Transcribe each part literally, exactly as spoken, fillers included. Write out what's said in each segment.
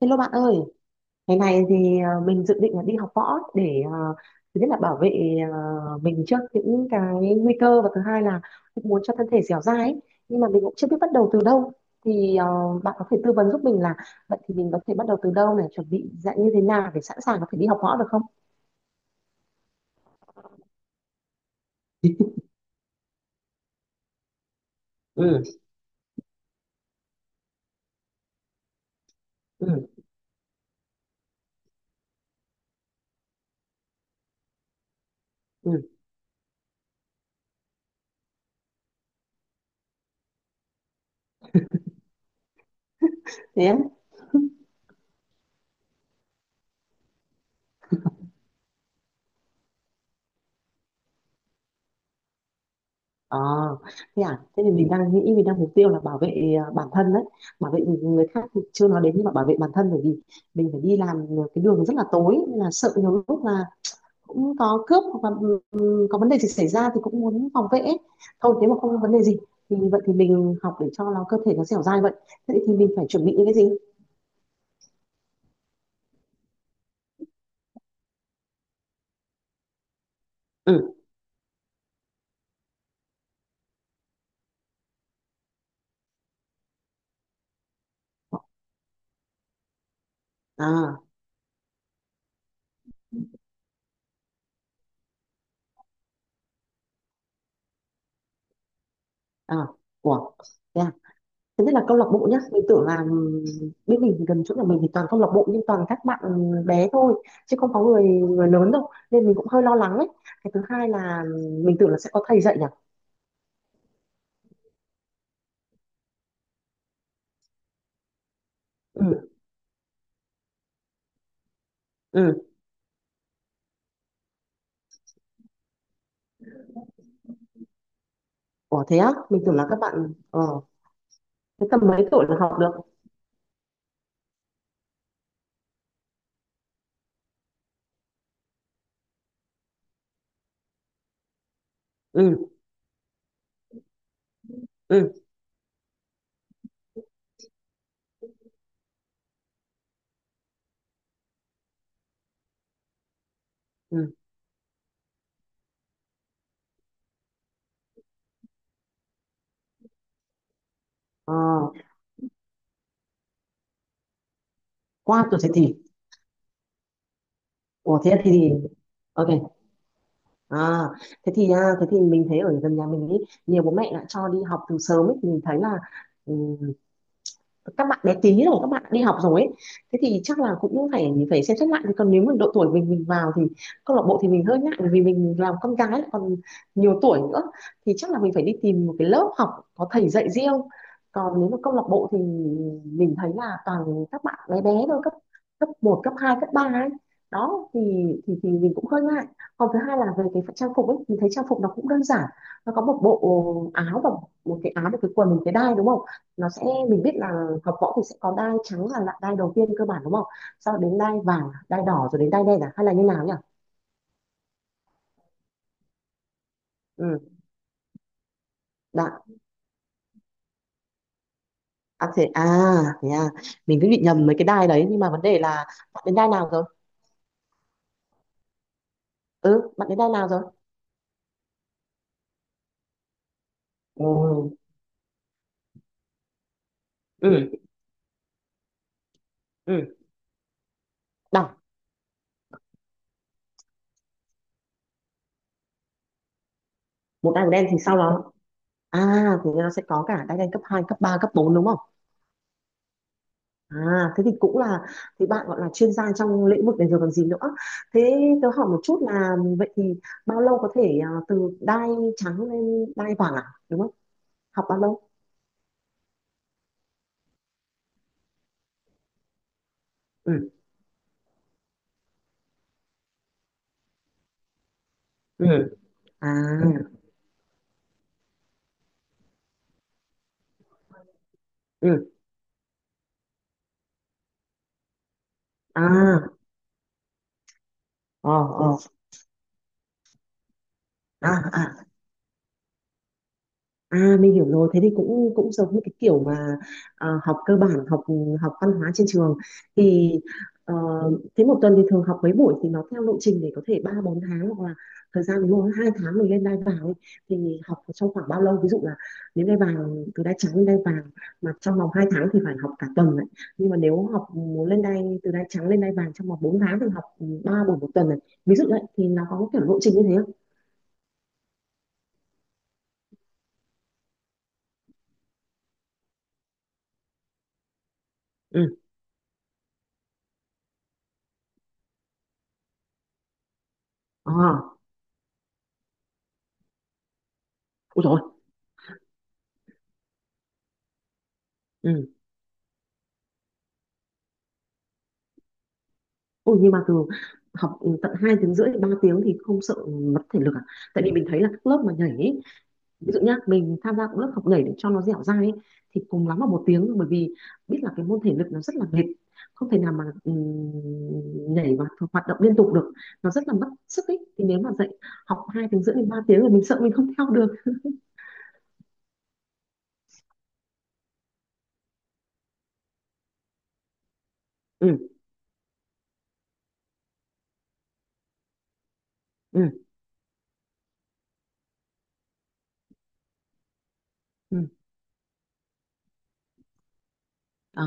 Hello bạn ơi, ngày này thì ờ, mình dự định là đi học võ để ờ, thứ nhất là bảo vệ ờ, mình trước những cái nguy cơ và thứ hai là cũng muốn cho thân thể dẻo dai ấy. Nhưng mà mình cũng chưa biết bắt đầu từ đâu. Thì ờ, bạn có thể tư vấn giúp mình là vậy thì mình có thể bắt đầu từ đâu này, chuẩn bị dạng như thế nào để sẵn sàng có thể đi học võ được không? Ừ, ừ, ừ. Thế á. Ờ, thế à, thế thì mình đang nghĩ mình đang mục tiêu là bảo vệ à, bản thân đấy, bảo vệ người khác thì chưa nói đến nhưng mà bảo vệ bản thân bởi vì mình phải đi làm cái đường rất là tối nên là sợ nhiều lúc là cũng có cướp hoặc là ừ, có vấn đề gì xảy ra thì cũng muốn phòng vệ ấy. Thôi nếu mà không có vấn đề gì thì vậy thì mình học để cho nó cơ thể nó dẻo dai vậy thế thì mình phải chuẩn bị những cái gì. Ừ, à, à, ủa thế à? Thứ nhất là câu lạc bộ nhá, mình tưởng là bên mình thì gần chỗ nhà mình thì toàn câu lạc bộ nhưng toàn các bạn bé thôi chứ không có người người lớn đâu nên mình cũng hơi lo lắng ấy. Cái thứ hai là mình tưởng là sẽ có thầy dạy nhỉ. Ừ, ừ. Ủa thế á, mình tưởng là các bạn ờ, thế tầm mấy tuổi là học được? Ừ, ừ, ừ. Ờ, qua tuổi dậy thì. Ủa thế thì Ok. À, thế thì à, thế thì mình thấy ở gần nhà mình ý, nhiều bố mẹ đã cho đi học từ sớm ấy, mình thấy là các bạn bé tí rồi các bạn đã đi học rồi ấy, thế thì chắc là cũng phải phải xem xét lại. Còn nếu mà độ tuổi mình mình vào thì câu lạc bộ thì mình hơi ngại bởi vì mình làm con gái lại còn nhiều tuổi nữa thì chắc là mình phải đi tìm một cái lớp học có thầy dạy riêng. Còn nếu mà câu lạc bộ thì mình thấy là toàn các bạn bé bé thôi, cấp cấp một cấp hai cấp ba ấy, đó thì thì thì mình cũng hơi ngại. Còn thứ hai là về cái trang phục ấy, mình thấy trang phục nó cũng đơn giản, nó có một bộ áo và một cái áo một cái quần một cái đai đúng không, nó sẽ, mình biết là học võ thì sẽ có đai trắng là lại đai đầu tiên cơ bản đúng không, sau đến đai vàng đai đỏ rồi đến đai đen, à hay là như nào nhỉ? Ừ, đã, à thế à, thế à, mình cứ bị nhầm mấy cái đai đấy. Nhưng mà vấn đề là bạn đến đai nào rồi? Ừ, bạn đến đai nào rồi? Ừ, ừ, ừ, đọc một đai màu đen thì sau đó, à thì nó sẽ có cả đai đen cấp hai, cấp ba, cấp bốn đúng không? À, thế thì cũng là, thì bạn gọi là chuyên gia trong lĩnh vực này rồi còn gì nữa. Thế tớ hỏi một chút là vậy thì bao lâu có thể à, từ đai trắng lên đai vàng à, đúng không? Học bao lâu? Ừ, ừ, à, ừ, à, ờ, ờ, à, à, à mình hiểu rồi, thế thì cũng cũng giống như cái kiểu mà à, học cơ bản, học học văn hóa trên trường thì ờ, thế một tuần thì thường học mấy buổi thì nó theo lộ trình để có thể ba bốn tháng hoặc là thời gian ví dụ hai tháng mình lên đai vàng ấy, thì học trong khoảng bao lâu? Ví dụ là nếu đai vàng từ đai trắng lên đai vàng mà trong vòng hai tháng thì phải học cả tuần này. Nhưng mà nếu học muốn lên đai từ đai trắng lên đai vàng trong vòng bốn tháng thì học ba buổi một tuần này. Ví dụ đấy thì nó có kiểu lộ trình như thế không? Ừ. À, ôi rồi. Ôi nhưng mà từ học ừ, tận hai tiếng rưỡi ba tiếng thì không sợ mất thể lực à? Tại vì mình thấy là các lớp mà nhảy ấy, ví dụ nhá, mình tham gia cũng lớp học nhảy để cho nó dẻo dai ấy, thì cùng lắm là một tiếng thôi, bởi vì biết là cái môn thể lực nó rất là mệt, không thể nào mà ừm, nhảy và th- hoạt động liên tục được, nó rất là mất sức ấy. Thì nếu mà dạy học hai tiếng rưỡi đến ba tiếng là mình sợ mình không theo được. Ừ, ừ, ừ. Ờ.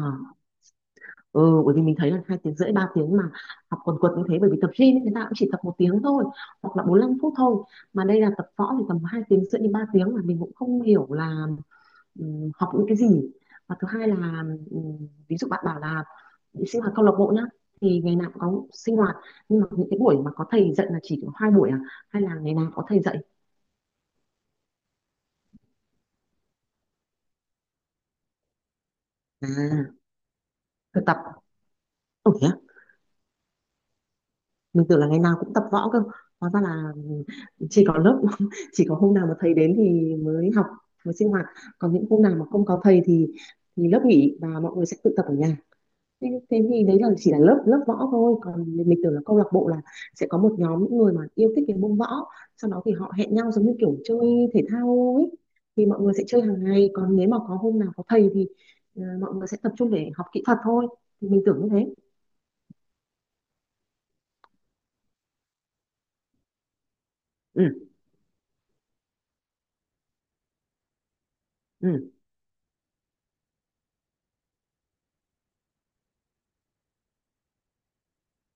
Ừ, bởi vì mình thấy là hai tiếng rưỡi ba tiếng mà học quần quật như thế, bởi vì tập gym ấy, người ta cũng chỉ tập một tiếng thôi hoặc là bốn lăm phút thôi, mà đây là tập võ thì tầm hai tiếng rưỡi đến ba tiếng mà mình cũng không hiểu là ừm, học những cái gì. Và thứ hai là ừm, ví dụ bạn bảo là đi sinh hoạt câu lạc bộ nhá, thì ngày nào cũng có sinh hoạt nhưng mà những cái buổi mà có thầy dạy là chỉ có hai buổi à hay là ngày nào có thầy dạy, à thực tập ừ, mình tưởng là ngày nào cũng tập võ cơ, hóa ra là chỉ có lớp chỉ có hôm nào mà thầy đến thì mới học, mới sinh hoạt. Còn những hôm nào mà không có thầy thì thì lớp nghỉ và mọi người sẽ tự tập ở nhà. Thế, thế thì đấy là chỉ là lớp lớp võ thôi, còn mình tưởng là câu lạc bộ là sẽ có một nhóm những người mà yêu thích cái môn võ, sau đó thì họ hẹn nhau giống như kiểu chơi thể thao ấy, thì mọi người sẽ chơi hàng ngày, còn nếu mà có hôm nào có thầy thì ờ, mọi người sẽ tập trung để học kỹ thuật thôi, thì mình tưởng như thế. Ừ, ừ,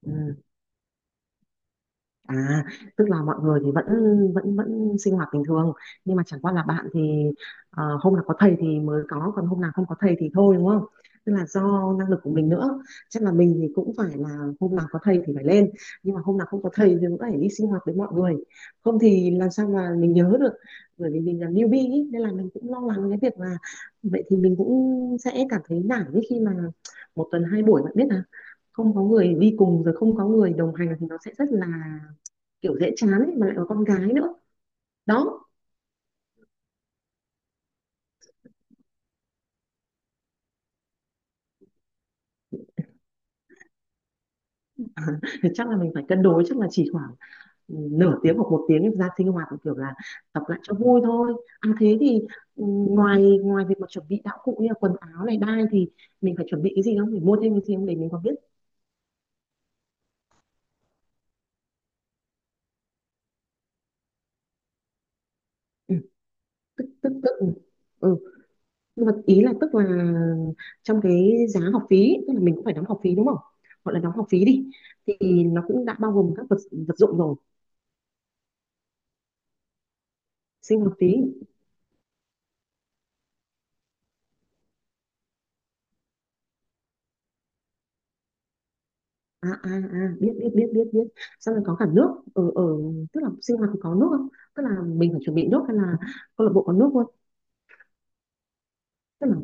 ừ. À, tức là mọi người thì vẫn vẫn vẫn sinh hoạt bình thường, nhưng mà chẳng qua là bạn thì ờ, hôm nào có thầy thì mới có còn hôm nào không có thầy thì thôi đúng không? Tức là do năng lực của mình nữa. Chắc là mình thì cũng phải là hôm nào có thầy thì phải lên, nhưng mà hôm nào không có thầy thì cũng phải đi sinh hoạt với mọi người. Không thì làm sao mà mình nhớ được, bởi vì mình là newbie ý, nên là mình cũng lo lắng cái việc là vậy thì mình cũng sẽ cảm thấy nản ấy, khi mà một tuần hai buổi bạn biết là không có người đi cùng rồi không có người đồng hành thì nó sẽ rất là kiểu dễ chán ấy, mà lại có con gái nữa đó, thì chắc là mình phải cân đối, chắc là chỉ khoảng ừ, nửa tiếng hoặc một tiếng ra sinh hoạt kiểu là tập lại cho vui thôi. À thế thì ừ, ngoài ngoài việc mà chuẩn bị đạo cụ như là quần áo này đai thì mình phải chuẩn bị cái gì không, mình mua thêm cái gì không để mình còn biết. Ừ, tức tức tức ừ. Ừ. Nhưng mà ý là tức là trong cái giá học phí tức là mình cũng phải đóng học phí đúng không, gọi là đóng học phí đi thì nó cũng đã bao gồm các vật vật dụng rồi. Sinh hoạt phí. À, à, à, biết biết biết biết biết Xong rồi có cả nước, ở ở tức là sinh hoạt thì có nước không, tức là mình phải chuẩn bị nước hay là câu lạc bộ có nước luôn. Tức là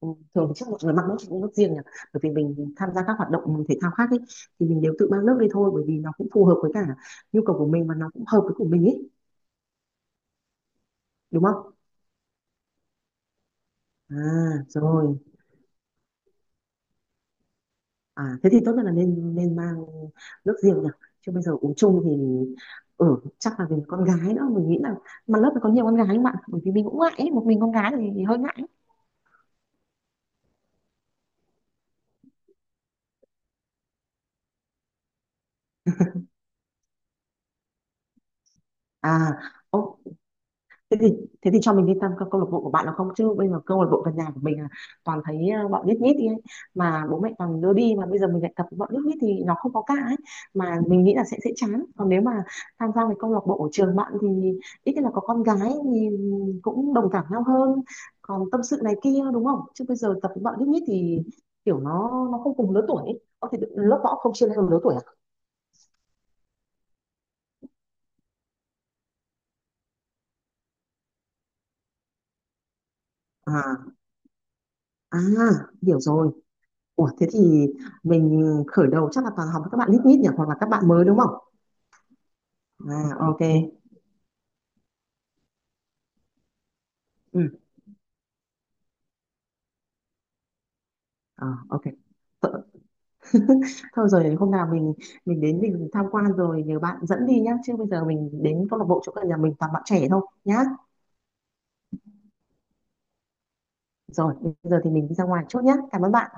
ừ, thường thì chắc mọi người mang nước, nước riêng nhỉ, bởi vì mình tham gia các hoạt động thể thao khác ấy, thì mình đều tự mang nước đi thôi, bởi vì nó cũng phù hợp với cả nhu cầu của mình và nó cũng hợp với của mình ấy đúng không? À rồi. À, thế thì tốt nhất là nên nên mang nước riêng nhỉ, chứ bây giờ uống chung thì ừ, chắc là vì con gái nữa, mình nghĩ là, mà lớp này có nhiều con gái không bạn, bởi vì mình cũng ngại ấy. Một mình con gái thì hơi ngại. À ok, thế thì thế thì cho mình đi tham các câu lạc bộ của bạn là không, chứ bây giờ câu lạc bộ gần nhà của mình là toàn thấy ờ, bọn nhít nhít đi ấy, mà bố mẹ toàn đưa đi, mà bây giờ mình lại tập với bọn nhít nhít thì nó không có cả ấy, mà mình nghĩ là sẽ sẽ chán. Còn nếu mà tham gia cái câu lạc bộ ở trường bạn thì ít nhất là có con gái thì cũng đồng cảm nhau hơn, còn tâm sự này kia đúng không, chứ bây giờ tập với bọn nhít nhít thì kiểu nó nó không cùng lứa tuổi ấy. Có thể lớp võ không chia theo lứa tuổi à? À, à, hiểu rồi. Ủa, thế thì mình khởi đầu chắc là toàn học với các bạn lít nhít nhỉ, hoặc là các bạn mới đúng không? À ok. Ừ. Ờ, ok. Thôi rồi hôm nào mình mình đến mình tham quan rồi nhờ bạn dẫn đi nhá, chứ bây giờ mình đến câu lạc bộ chỗ gần nhà mình toàn bạn trẻ thôi nhá. Rồi bây giờ thì mình đi ra ngoài chút nhá. Cảm ơn bạn.